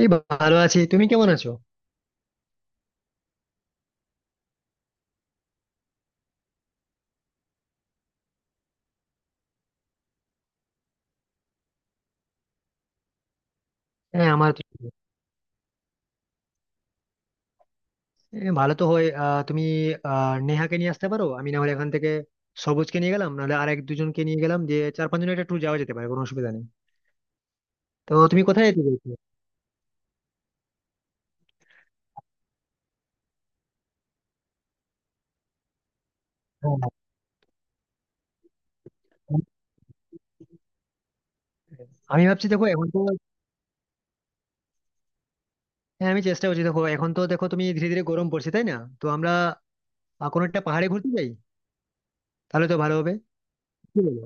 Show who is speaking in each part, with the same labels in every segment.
Speaker 1: এই ভালো আছি, তুমি কেমন আছো? হ্যাঁ, আমার তো ভালো তো হয়। তুমি নেহাকে নিয়ে আসতে পারো। আমি না হলে এখান থেকে সবুজকে নিয়ে গেলাম, নাহলে আর এক দুজনকে নিয়ে গেলাম, যে 4-5 জন একটা ট্যুর যাওয়া যেতে পারে, কোনো অসুবিধা নেই। তো তুমি কোথায় যেতে চাইছো? হ্যাঁ, আমি ভাবছি দেখো এখন তো। হ্যাঁ, আমি চেষ্টা করছি দেখো এখন তো, দেখো তুমি ধীরে ধীরে গরম পড়ছে, তাই না? তো আমরা কোনো একটা পাহাড়ে ঘুরতে যাই, তাহলে তো ভালো হবে। কি বলো?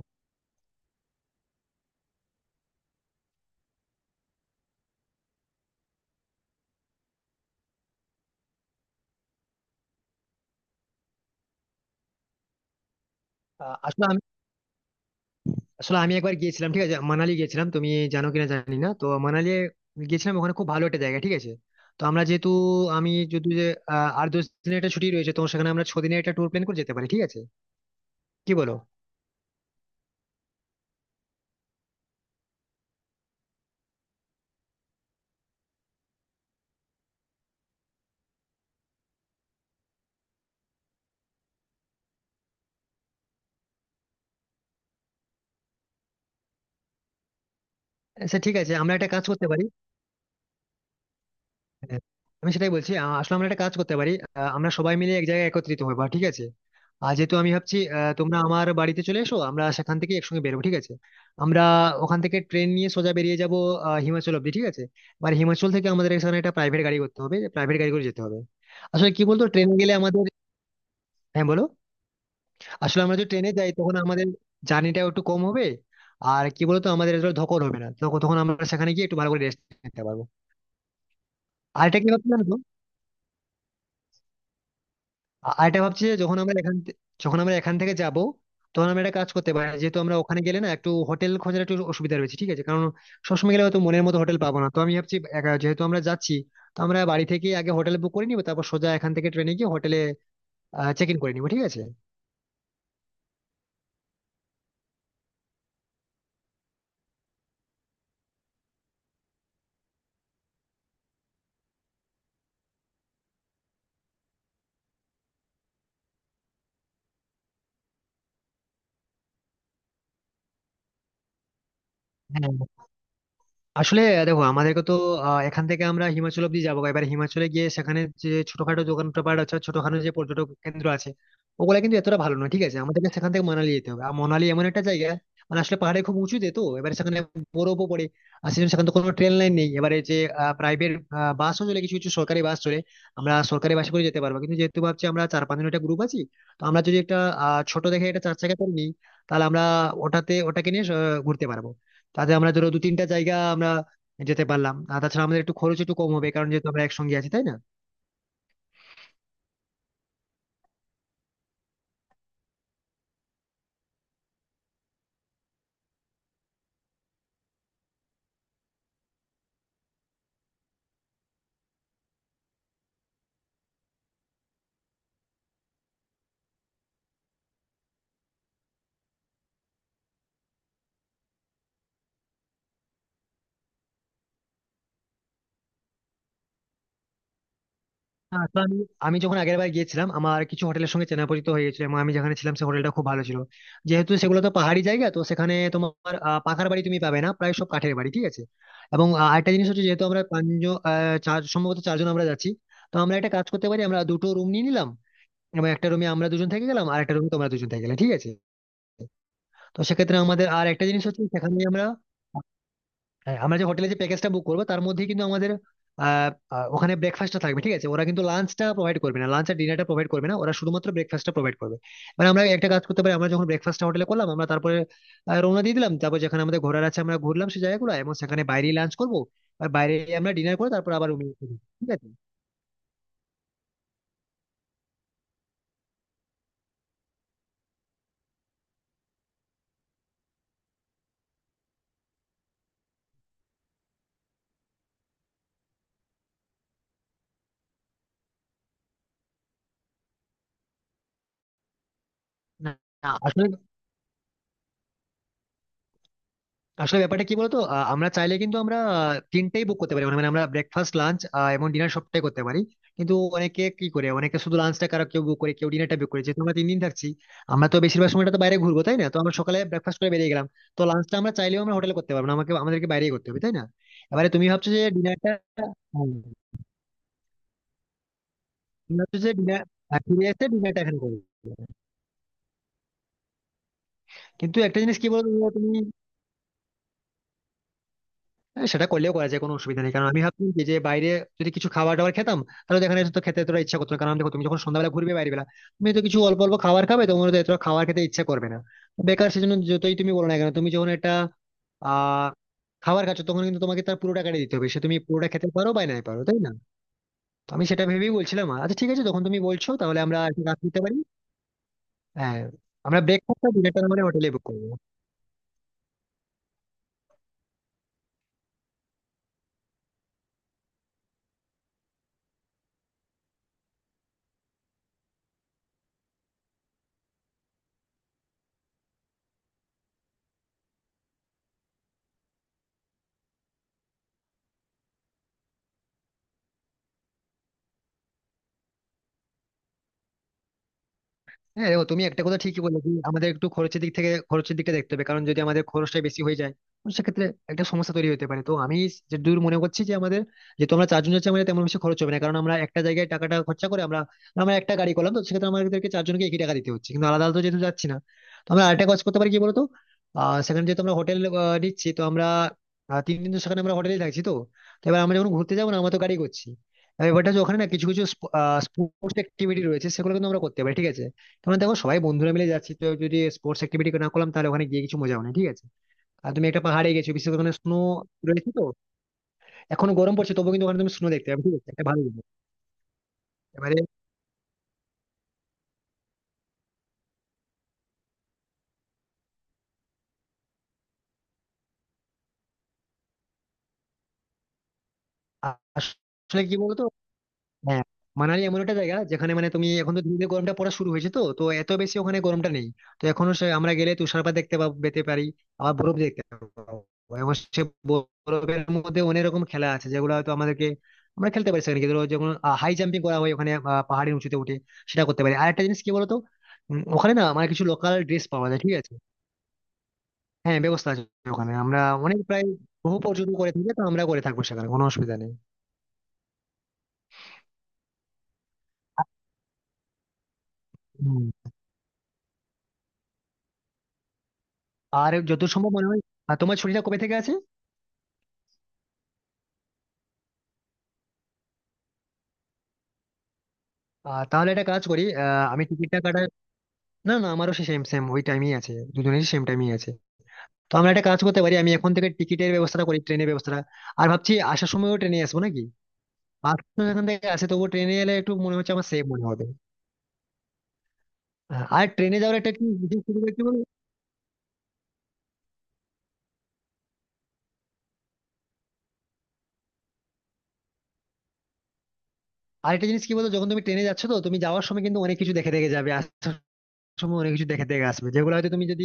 Speaker 1: আসলে আসলে আমি একবার গিয়েছিলাম, ঠিক আছে, মানালি গিয়েছিলাম। তুমি জানো কিনা জানি না, তো মানালি গিয়েছিলাম। ওখানে খুব ভালো একটা জায়গা, ঠিক আছে। তো আমরা যেহেতু আমি যদি যে আর 10 দিনের একটা ছুটি রয়েছে, তো সেখানে আমরা 6 দিনের একটা ট্যুর প্ল্যান করে যেতে পারি, ঠিক আছে। কি বলো? আচ্ছা ঠিক আছে, আমরা একটা কাজ করতে পারি। হ্যাঁ, আমি সেটাই বলছি। আসলে আমরা একটা কাজ করতে পারি। আমরা সবাই মিলে এক জায়গায় একত্রিত হবো, ঠিক আছে। আর যেহেতু আমি ভাবছি তোমরা আমার বাড়িতে চলে এসো, আমরা সেখান থেকে একসঙ্গে বেরোবো, ঠিক আছে। আমরা ওখান থেকে ট্রেন নিয়ে সোজা বেরিয়ে যাবো হিমাচল অব্দি, ঠিক আছে। এবার হিমাচল থেকে আমাদের এখানে একটা প্রাইভেট গাড়ি করতে হবে, প্রাইভেট গাড়ি করে যেতে হবে। আসলে কি বলতো ট্রেন গেলে আমাদের। হ্যাঁ, বলো। আসলে আমরা যদি ট্রেনে যাই তখন আমাদের জার্নিটা একটু কম হবে। আর কি বলতো আমাদের ধকল হবে না তখন, তখন আমরা সেখানে গিয়ে একটু ভালো করে রেস্ট নিতে পারবো। আর এটা কি ভাবছিলাম। আর এটা ভাবছি যে যখন আমরা যখন আমরা এখান থেকে যাব, তখন আমরা একটা কাজ করতে পারি। যেহেতু আমরা ওখানে গেলে না একটু হোটেল খোঁজার একটু অসুবিধা রয়েছে, ঠিক আছে, কারণ সবসময় গেলে হয়তো মনের মতো হোটেল পাবো না। তো আমি ভাবছি যেহেতু আমরা যাচ্ছি, তো আমরা বাড়ি থেকে আগে হোটেল বুক করে নিবো, তারপর সোজা এখান থেকে ট্রেনে গিয়ে হোটেলে চেক ইন করে নিবো, ঠিক আছে। হ্যাঁ, আসলে দেখো আমাদেরকে তো এখান থেকে আমরা হিমাচল অব্দি যাবো। এবার হিমাচলে গিয়ে সেখানে যে ছোটখাটো দোকান পাট আছে, ছোটখাটো যে পর্যটক কেন্দ্র আছে, ওগুলা কিন্তু এতটা ভালো নয়, ঠিক আছে। আমাদেরকে সেখান থেকে মানালি যেতে হবে। আর মানালি এমন একটা জায়গা, মানে আসলে পাহাড়ে খুব উঁচুতে, তো এবার সেখানে বরফও পড়ে। আর সেজন্য সেখানে তো কোনো ট্রেন লাইন নেই। এবারে যে প্রাইভেট বাসও চলে, কিছু কিছু সরকারি বাস চলে। আমরা সরকারি বাসে করে যেতে পারবো, কিন্তু যেহেতু ভাবছি আমরা 4-5 জন একটা গ্রুপ আছি, তো আমরা যদি একটা ছোট দেখে একটা চার চাকা করে নিই, তাহলে আমরা ওটাতে ওটাকে নিয়ে ঘুরতে পারবো। তাতে আমরা ধরো 2-3টা জায়গা আমরা যেতে পারলাম। আর তাছাড়া আমাদের একটু খরচ একটু কম হবে, কারণ যেহেতু আমরা একসঙ্গে আছি, তাই না? হ্যাঁ, তো আমি আমি যখন আগের বার গিয়েছিলাম, আমার কিছু হোটেলের সঙ্গে চেনা পরিচিত হয়ে গেছিল, এবং আমি যেখানে ছিলাম সে হোটেলটা খুব ভালো ছিল। যেহেতু সেগুলো তো পাহাড়ি জায়গা, তো সেখানে তোমার পাকার বাড়ি তুমি পাবে না, প্রায় সব কাঠের বাড়ি, ঠিক আছে। এবং আরেকটা জিনিস হচ্ছে যেহেতু আমরা 5 জন, আহ, চার সম্ভবত 4 জন আমরা যাচ্ছি। তো আমরা একটা কাজ করতে পারি, আমরা 2টো রুম নিয়ে নিলাম, এবং একটা রুমে আমরা 2 জন থেকে গেলাম আর একটা রুমে তোমরা 2 জন থেকে গেলে, ঠিক আছে। তো সেক্ষেত্রে আমাদের আর একটা জিনিস হচ্ছে সেখানে আমরা। হ্যাঁ, আমরা যে হোটেলে যে প্যাকেজটা বুক করবো তার মধ্যে কিন্তু আমাদের আহ, ওখানে ব্রেকফাস্টটা থাকবে, ঠিক আছে। ওরা কিন্তু লাঞ্চটা প্রোভাইড করবে না, লাঞ্চ আর ডিনারটা প্রোভাইড করবে না, ওরা শুধুমাত্র ব্রেকফাস্টটা প্রোভাইড করবে। মানে আমরা একটা কাজ করতে পারি, আমরা যখন ব্রেকফাস্টটা হোটেলে করলাম আমরা তারপরে রওনা দিয়ে দিলাম। তারপর যেখানে আমাদের ঘোরার আছে আমরা ঘুরলাম সেই জায়গাগুলো, এবং সেখানে বাইরেই লাঞ্চ করবো। আর বাইরে আমরা ডিনার করে তারপর আবার রুমে, ঠিক আছে। না, আসলে আসলে ব্যাপারটা কি বলতো আমরা চাইলে কিন্তু আমরা তিনটেই বুক করতে পারি। মানে মানে আমরা ব্রেকফাস্ট, লাঞ্চ এবং ডিনার সবটাই করতে পারি। কিন্তু অনেকে কি করে, অনেকে শুধু লাঞ্চটা কারো, কেউ বুক করে, কেউ ডিনারটা বুক করে। যেহেতু আমরা 3 দিন থাকছি, আমরা তো বেশিরভাগ সময়টা তো বাইরে ঘুরবো, তাই না? তো আমরা সকালে ব্রেকফাস্ট করে বেরিয়ে গেলাম, তো লাঞ্চটা আমরা চাইলেও আমরা হোটেলে করতে পারবো না, আমাকে আমাদেরকে বাইরেই করতে হবে, তাই না? এবারে তুমি ভাবছো যে ডিনারটা তুমি ভাবছো যে ডিনার ফিরে এসে ডিনারটা এখানে করবে। কিন্তু একটা জিনিস কি বলতো তুমি। হ্যাঁ, সেটা করলেও করা যায়, কোনো অসুবিধা নেই। কারণ আমি ভাবছি যে যে বাইরে যদি কিছু খাবার দাবার খেতাম, তাহলে দেখা যেত তো খেতে এতটা ইচ্ছা করতো না। কারণ দেখো তুমি যখন সন্ধ্যাবেলা ঘুরবে বাইরে বেলা, তুমি তো কিছু অল্প অল্প খাবার খাবে, তোমার তো এতটা খাবার খেতে ইচ্ছা করবে না বেকার। সেজন্য যতই তুমি বলো না কেন, তুমি যখন একটা আহ খাবার খাচ্ছ তখন কিন্তু তোমাকে তার পুরো টাকাটা দিতে হবে, সে তুমি পুরোটা খেতে পারো বা নাই পারো, তাই না? তো আমি সেটা ভেবেই বলছিলাম, আচ্ছা ঠিক আছে, যখন তুমি বলছো তাহলে আমরা একটা কাজ করতে পারি। হ্যাঁ, আমরা ব্রেকফাস্টটা ডিনারটা মানে হোটেলে বুক করবো। হ্যাঁ, দেখো তুমি একটা কথা ঠিকই বলেছি, আমাদের একটু খরচের দিক থেকে খরচের দিকটা দেখতে হবে। কারণ যদি আমাদের খরচটা বেশি হয়ে যায় তো সেক্ষেত্রে একটা সমস্যা তৈরি হতে পারে। তো আমি যে দূর মনে করছি যে আমাদের যেহেতু আমরা 4 জন যাচ্ছি, আমাদের তেমন বেশি খরচ হবে না। কারণ আমরা একটা জায়গায় টাকাটা খরচা করে আমরা আমরা একটা গাড়ি করলাম। তো সেক্ষেত্রে আমাদেরকে 4 জনকে একই টাকা দিতে হচ্ছে, কিন্তু আলাদা আলাদা তো যেহেতু যাচ্ছি না। তো আমরা আরেকটা কাজ করতে পারি কি বলতো, সেখানে যেহেতু আমরা হোটেল নিচ্ছি তো আমরা 3 দিন তো সেখানে আমরা হোটেলেই থাকছি। তো তো এবার আমরা যখন ঘুরতে যাবো না, আমরা তো গাড়ি করছি। এবার ব্যাপারটা হচ্ছে ওখানে না কিছু কিছু স্পোর্টস অ্যাক্টিভিটি রয়েছে, সেগুলো কিন্তু আমরা করতে পারি, ঠিক আছে। তোমার দেখো সবাই বন্ধুরা মিলে যাচ্ছি, তো যদি স্পোর্টস অ্যাক্টিভিটি না করলাম তাহলে ওখানে গিয়ে কিছু মজা হবে না, ঠিক আছে। আর তুমি একটা পাহাড়ে গেছো বিশেষ করে ওখানে স্নো রয়েছে তো। এখন গরম পড়ছে তবুও কিন্তু ওখানে তুমি স্নো দেখতে পাবে, ঠিক আছে, এটা ভালো জিনিস। এবারে আসলে কি বলতো। হ্যাঁ, মানালি এমন একটা জায়গা যেখানে মানে তুমি এখন তো ধীরে ধীরে গরমটা পড়া শুরু হয়েছে, তো তো এত বেশি ওখানে গরমটা নেই। তো এখনো সে আমরা গেলে তুষারপাত পেতে পারি, আবার বরফ দেখতে পাবো, এবং সে বরফের মধ্যে অনেক রকম খেলা আছে যেগুলো হয়তো আমাদেরকে আমরা খেলতে পারি সেখানে গিয়ে। ধরো যেমন হাই জাম্পিং করা হয় ওখানে, পাহাড়ের উঁচুতে উঠে সেটা করতে পারি। আর একটা জিনিস কি বলতো, ওখানে না আমার কিছু লোকাল ড্রেস পাওয়া যায়, ঠিক আছে। হ্যাঁ, ব্যবস্থা আছে। ওখানে আমরা অনেক প্রায় বহু পর্যটন করে থাকি, তো আমরা করে থাকবো, সেখানে কোনো অসুবিধা নেই। হুম। আর যত সম্ভব মনে হয়। আর তোমার ছুটিটা কবে থেকে আছে? তাহলে একটা কাজ করি, আমি টিকিটটা কাটার। না না, আমারও সেম সেম ওই টাইমই আছে, 2 জনেরই সেম টাইমই আছে। তো আমরা একটা কাজ করতে পারি, আমি এখন থেকে টিকিটের ব্যবস্থাটা করি, ট্রেনের ব্যবস্থাটা। আর ভাবছি আসার সময়ও ট্রেনে আসবো নাকি। আসলে এখান থেকে আসে তবুও ট্রেনে এলে একটু মনে হচ্ছে আমার সেফ মনে হবে। হ্যাঁ, আর ট্রেনে যাওয়ার একটা কি বিশেষ সুবিধা কি বলতো। আরেকটা জিনিস কি বলতো, যখন তুমি ট্রেনে যাচ্ছ তো তুমি যাওয়ার সময় কিন্তু অনেক কিছু দেখে দেখে যাবে, আসার সময় অনেক কিছু দেখে দেখে আসবে, যেগুলো হয়তো তুমি যদি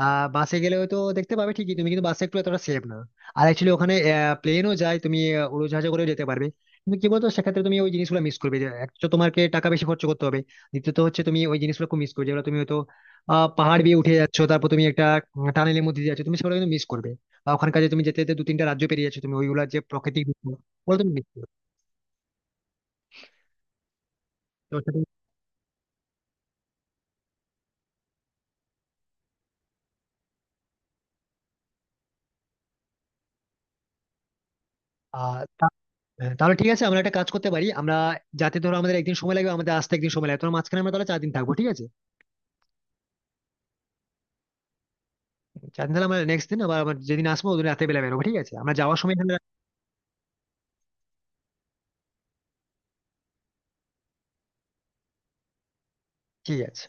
Speaker 1: বাসে গেলে হয়তো দেখতে পাবে ঠিকই, তুমি কিন্তু বাসে একটু এতটা সেফ না। আর অ্যাকচুয়ালি ওখানে প্লেনও যায়, তুমি উড়োজাহাজে করেও যেতে পারবে। কিন্তু কি বলতো সেক্ষেত্রে তুমি ওই জিনিসগুলো মিস করবে, যে এক তো তোমাকে টাকা বেশি খরচ করতে হবে, দ্বিতীয়ত হচ্ছে তুমি ওই জিনিসগুলো খুব মিস করবে, যেগুলো তুমি হয়তো পাহাড় দিয়ে উঠে যাচ্ছ তারপর তুমি একটা টানেলের মধ্যে দিয়ে যাচ্ছ, তুমি সেগুলো কিন্তু মিস করবে। বা ওখানকার যে তুমি যেতে যেতে 2-3টা রাজ্য পেরিয়ে যাচ্ছ, তুমি ওইগুলা যে প্রাকৃতিক দৃশ্য, ওগুলো তুমি মিস করবে। তো সেটা- আর হ্যাঁ, তাহলে ঠিক আছে, আমরা একটা কাজ করতে পারি আমরা। যাতে ধরো আমাদের 1 দিন সময় লাগবে, আমাদের আসতে 1 দিন সময় লাগবে তোমার, মাঝখানে আমরা তাহলে 4 দিন থাকবো, ঠিক আছে। 4 দিন, তাহলে আমরা নেক্সট দিন আবার আমরা যেদিন আসবো ওদিন রাতে বেলা বেরোবো, ঠিক আছে, আমরা যাওয়ার সময় এখানে, ঠিক আছে।